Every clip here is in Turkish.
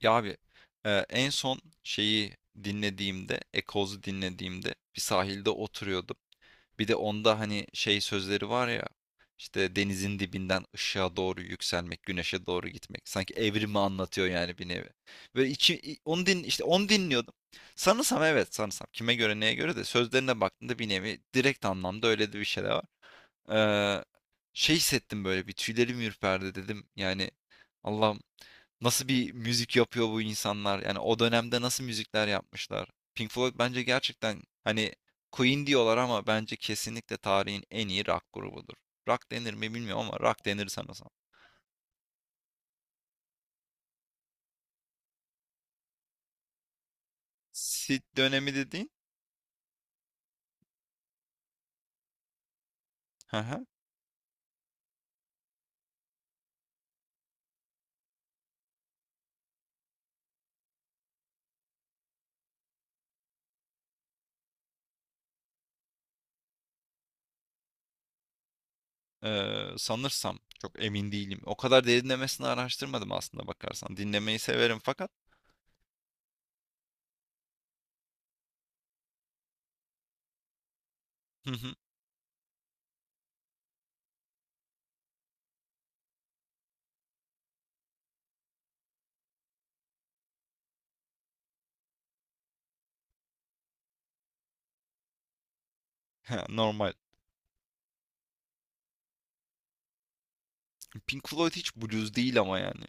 Ya abi, en son şeyi dinlediğimde, Eccles'u dinlediğimde bir sahilde oturuyordum. Bir de onda hani şey sözleri var ya, işte denizin dibinden ışığa doğru yükselmek, güneşe doğru gitmek. Sanki evrimi anlatıyor yani, bir nevi. Böyle içi, i- onu din, işte onu dinliyordum. Sanırsam, evet, sanırsam kime göre neye göre de sözlerine baktığında bir nevi direkt anlamda öyle de bir şeyler var. Eee, Şey hissettim, böyle bir tüylerim ürperdi dedim. Yani Allah'ım, nasıl bir müzik yapıyor bu insanlar? Yani o dönemde nasıl müzikler yapmışlar? Pink Floyd bence gerçekten hani Queen diyorlar, ama bence kesinlikle tarihin en iyi rock grubudur. Rock denir mi bilmiyorum ama rock denir sanırsam. Sid dönemi dediğin? Hı hı. Sanırsam çok emin değilim. O kadar derinlemesine araştırmadım aslında bakarsan. Dinlemeyi severim fakat hı hı, normal. Pink Floyd hiç blues değil ama yani.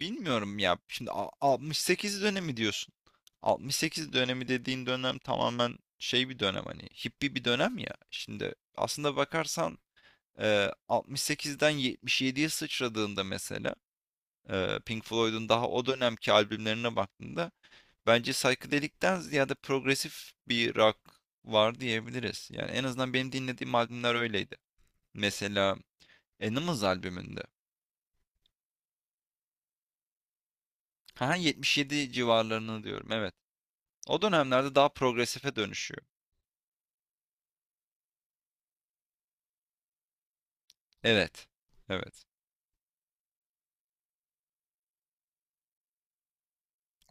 Bilmiyorum ya. Şimdi 68 dönemi diyorsun. 68 dönemi dediğin dönem tamamen şey bir dönem, hani hippi bir dönem ya. Şimdi aslında bakarsan 68'den 77'ye sıçradığında mesela Pink Floyd'un daha o dönemki albümlerine baktığında bence psychedelic'ten ziyade progresif bir rock var diyebiliriz. Yani en azından benim dinlediğim albümler öyleydi. Mesela Animals albümünde. Ha, 77 civarlarını diyorum, evet. O dönemlerde daha progresife dönüşüyor. Evet. Evet.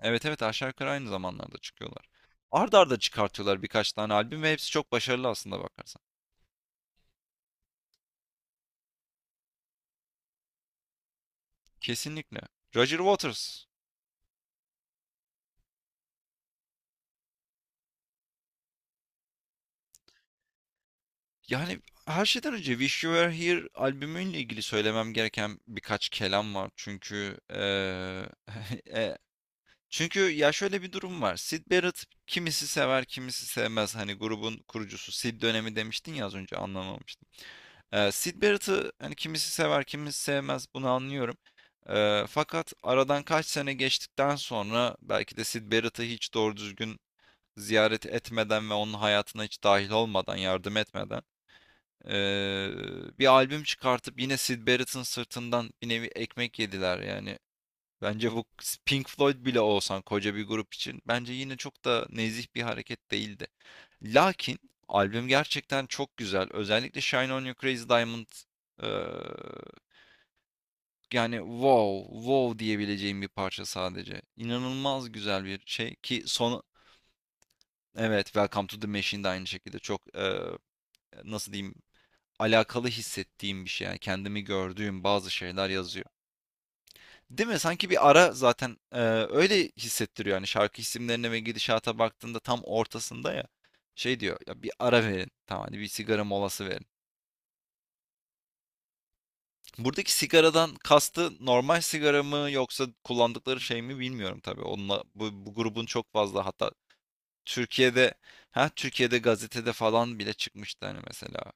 Evet, evet, aşağı yukarı aynı zamanlarda çıkıyorlar. Ard arda çıkartıyorlar birkaç tane albüm ve hepsi çok başarılı aslında bakarsan. Kesinlikle. Roger Waters. Yani her şeyden önce Wish You Were Here albümüyle ilgili söylemem gereken birkaç kelam var. Çünkü çünkü ya şöyle bir durum var. Syd Barrett, kimisi sever, kimisi sevmez. Hani grubun kurucusu, Sid dönemi demiştin ya az önce, anlamamıştım. Syd Barrett'ı hani kimisi sever, kimisi sevmez, bunu anlıyorum. Fakat aradan kaç sene geçtikten sonra, belki de Syd Barrett'ı hiç doğru düzgün ziyaret etmeden ve onun hayatına hiç dahil olmadan, yardım etmeden, ee, bir albüm çıkartıp yine Syd Barrett'ın sırtından bir nevi ekmek yediler. Yani bence bu, Pink Floyd bile olsan, koca bir grup için bence yine çok da nezih bir hareket değildi. Lakin albüm gerçekten çok güzel. Özellikle Shine On Your Crazy Diamond, eee, yani wow wow diyebileceğim bir parça sadece. İnanılmaz güzel bir şey ki son, evet, Welcome to the Machine de aynı şekilde çok nasıl diyeyim, alakalı hissettiğim bir şey. Yani kendimi gördüğüm bazı şeyler yazıyor. Değil mi? Sanki bir ara zaten öyle hissettiriyor. Yani şarkı isimlerine ve gidişata baktığında tam ortasında ya. Şey diyor ya, bir ara verin. Tamam, hani bir sigara molası verin. Buradaki sigaradan kastı normal sigara mı yoksa kullandıkları şey mi bilmiyorum tabii. Onunla bu, bu grubun çok fazla, hatta Türkiye'de, ha, Türkiye'de gazetede falan bile çıkmıştı, hani mesela.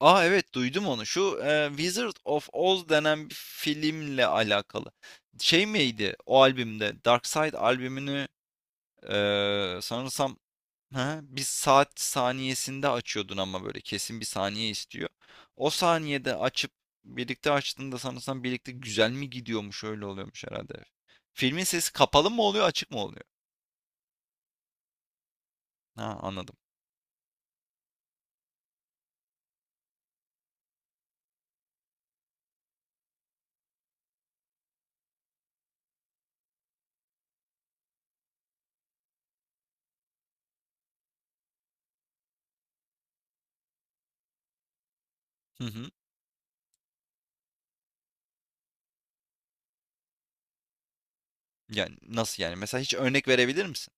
A, evet, duydum onu. Şu Wizard of Oz denen bir filmle alakalı. Şey miydi o albümde? Dark Side albümünü sanırsam, ha, bir saat saniyesinde açıyordun ama böyle kesin bir saniye istiyor. O saniyede açıp birlikte açtığında sanırsam birlikte güzel mi gidiyormuş, öyle oluyormuş herhalde. Filmin sesi kapalı mı oluyor, açık mı oluyor? Ha, anladım. Hı hı. Yani nasıl yani? Mesela hiç örnek verebilir misin?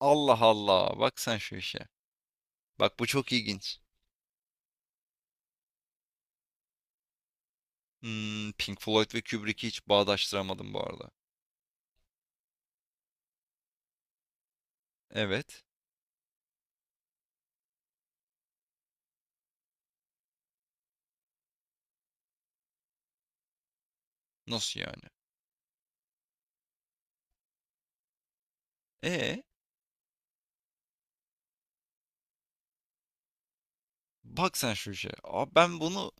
Allah Allah, bak sen şu işe. Bak, bu çok ilginç. Hmm, Pink Floyd ve Kubrick'i hiç bağdaştıramadım bu arada. Evet. Nasıl yani? E, bak sen şu işe. Aa, ben bunu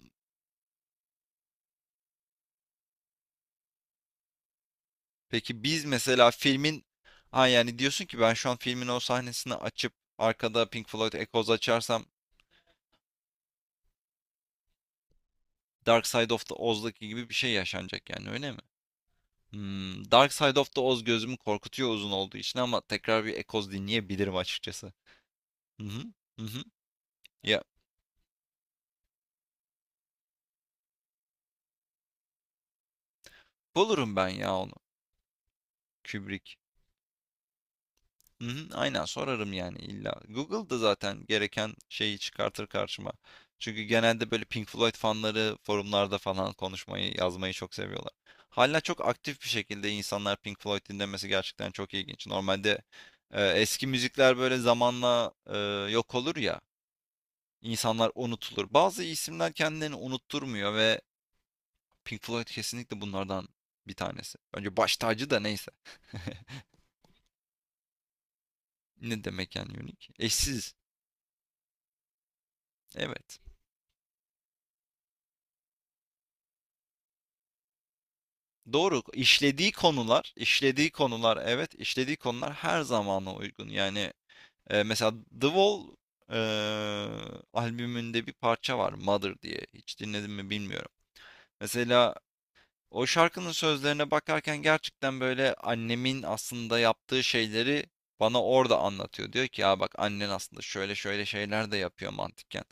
peki biz mesela filmin ha yani diyorsun ki ben şu an filmin o sahnesini açıp arkada Pink Floyd Echoes açarsam Dark Side of the Oz'daki gibi bir şey yaşanacak yani, öyle mi? Hmm, Dark Side of the Oz gözümü korkutuyor uzun olduğu için, ama tekrar bir Echoes dinleyebilirim açıkçası. Hı hı. Hı hı. Ya bulurum ben ya onu. Kubrick. Hı hı, aynen sorarım yani, illa. Google'da zaten gereken şeyi çıkartır karşıma. Çünkü genelde böyle Pink Floyd fanları forumlarda falan konuşmayı, yazmayı çok seviyorlar. Hala çok aktif bir şekilde insanlar Pink Floyd dinlemesi gerçekten çok ilginç. Normalde eski müzikler böyle zamanla yok olur ya, insanlar unutulur. Bazı isimler kendilerini unutturmuyor ve Pink Floyd kesinlikle bunlardan bir tanesi. Bence baş tacı, da neyse. Ne demek yani unik? Eşsiz. Evet. Doğru. Evet, işlediği konular her zamana uygun. Yani mesela The Wall e, albümünde bir parça var, Mother diye. Hiç dinledim mi bilmiyorum. Mesela o şarkının sözlerine bakarken gerçekten böyle annemin aslında yaptığı şeyleri bana orada anlatıyor. Diyor ki ya bak, annen aslında şöyle şöyle şeyler de yapıyor mantıken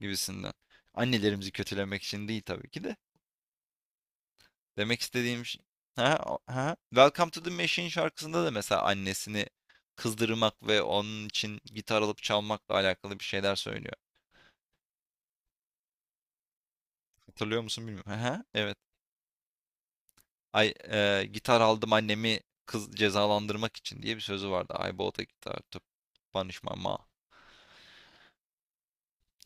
gibisinden. Annelerimizi kötülemek için değil tabii ki de. Demek istediğim şey... Ha, ha. Welcome to the Machine şarkısında da mesela annesini kızdırmak ve onun için gitar alıp çalmakla alakalı bir şeyler söylüyor. Hatırlıyor musun bilmiyorum. Ha, evet. Ay, gitar aldım annemi kız cezalandırmak için, diye bir sözü vardı. I bought a guitar to punish my mom.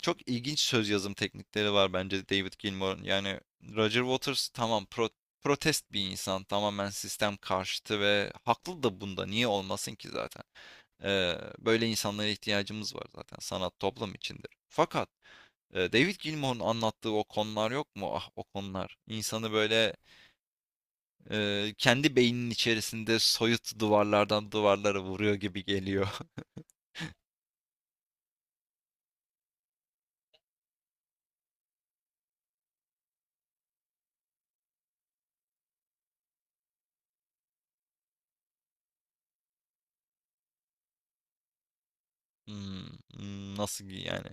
Çok ilginç söz yazım teknikleri var bence David Gilmour'un. Yani Roger Waters tamam, protest bir insan. Tamamen sistem karşıtı ve haklı da bunda. Niye olmasın ki zaten? Böyle insanlara ihtiyacımız var zaten. Sanat toplum içindir. Fakat David Gilmour'un anlattığı o konular yok mu? Ah, o konular. İnsanı böyle kendi beyninin içerisinde soyut duvarlardan duvarlara vuruyor gibi geliyor. Hmm, hmm, nasıl yani?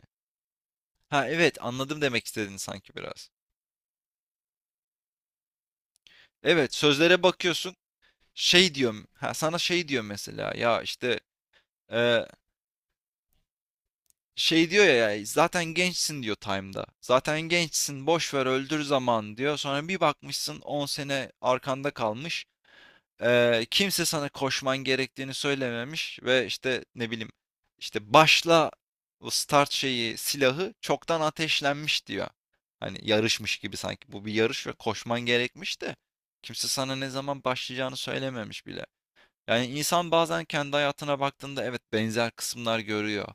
Ha evet, anladım demek istediğini sanki biraz. Evet, sözlere bakıyorsun. Şey diyorum. Ha, sana şey diyor mesela. Ya işte şey diyor ya, ya, zaten gençsin diyor Time'da. Zaten gençsin, boş ver, öldür zaman diyor. Sonra bir bakmışsın 10 sene arkanda kalmış. Kimse sana koşman gerektiğini söylememiş ve işte ne bileyim, işte başla, bu start şeyi, silahı çoktan ateşlenmiş diyor. Hani yarışmış gibi, sanki bu bir yarış ve koşman gerekmiş de kimse sana ne zaman başlayacağını söylememiş bile. Yani insan bazen kendi hayatına baktığında evet, benzer kısımlar görüyor.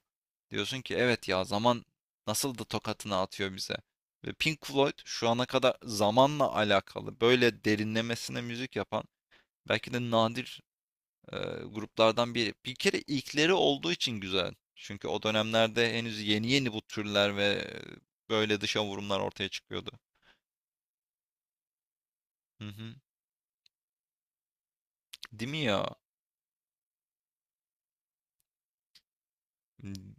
Diyorsun ki evet ya, zaman nasıl da tokatını atıyor bize. Ve Pink Floyd şu ana kadar zamanla alakalı böyle derinlemesine müzik yapan belki de nadir e, gruplardan biri. Bir kere ilkleri olduğu için güzel. Çünkü o dönemlerde henüz yeni yeni bu türler ve böyle dışa vurumlar ortaya çıkıyordu. Hı hı. Değil mi ya?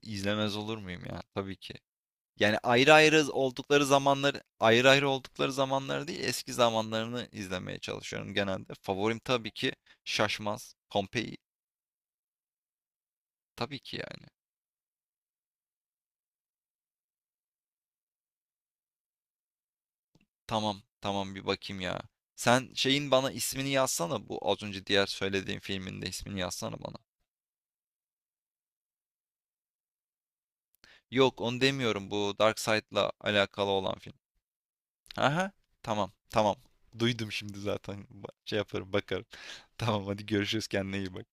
İzlemez olur muyum ya? Tabii ki. Yani ayrı ayrı oldukları zamanlar değil, eski zamanlarını izlemeye çalışıyorum genelde. Favorim tabii ki Şaşmaz, Pompei, tabii ki yani. Tamam, tamam, bir bakayım ya. Sen şeyin bana ismini yazsana, bu az önce diğer söylediğim filmin de ismini yazsana bana. Yok, onu demiyorum, bu Dark Side'la alakalı olan film. Aha, tamam, tamam. Duydum şimdi zaten. Şey yaparım, bakarım. Tamam, hadi görüşürüz, kendine iyi bak.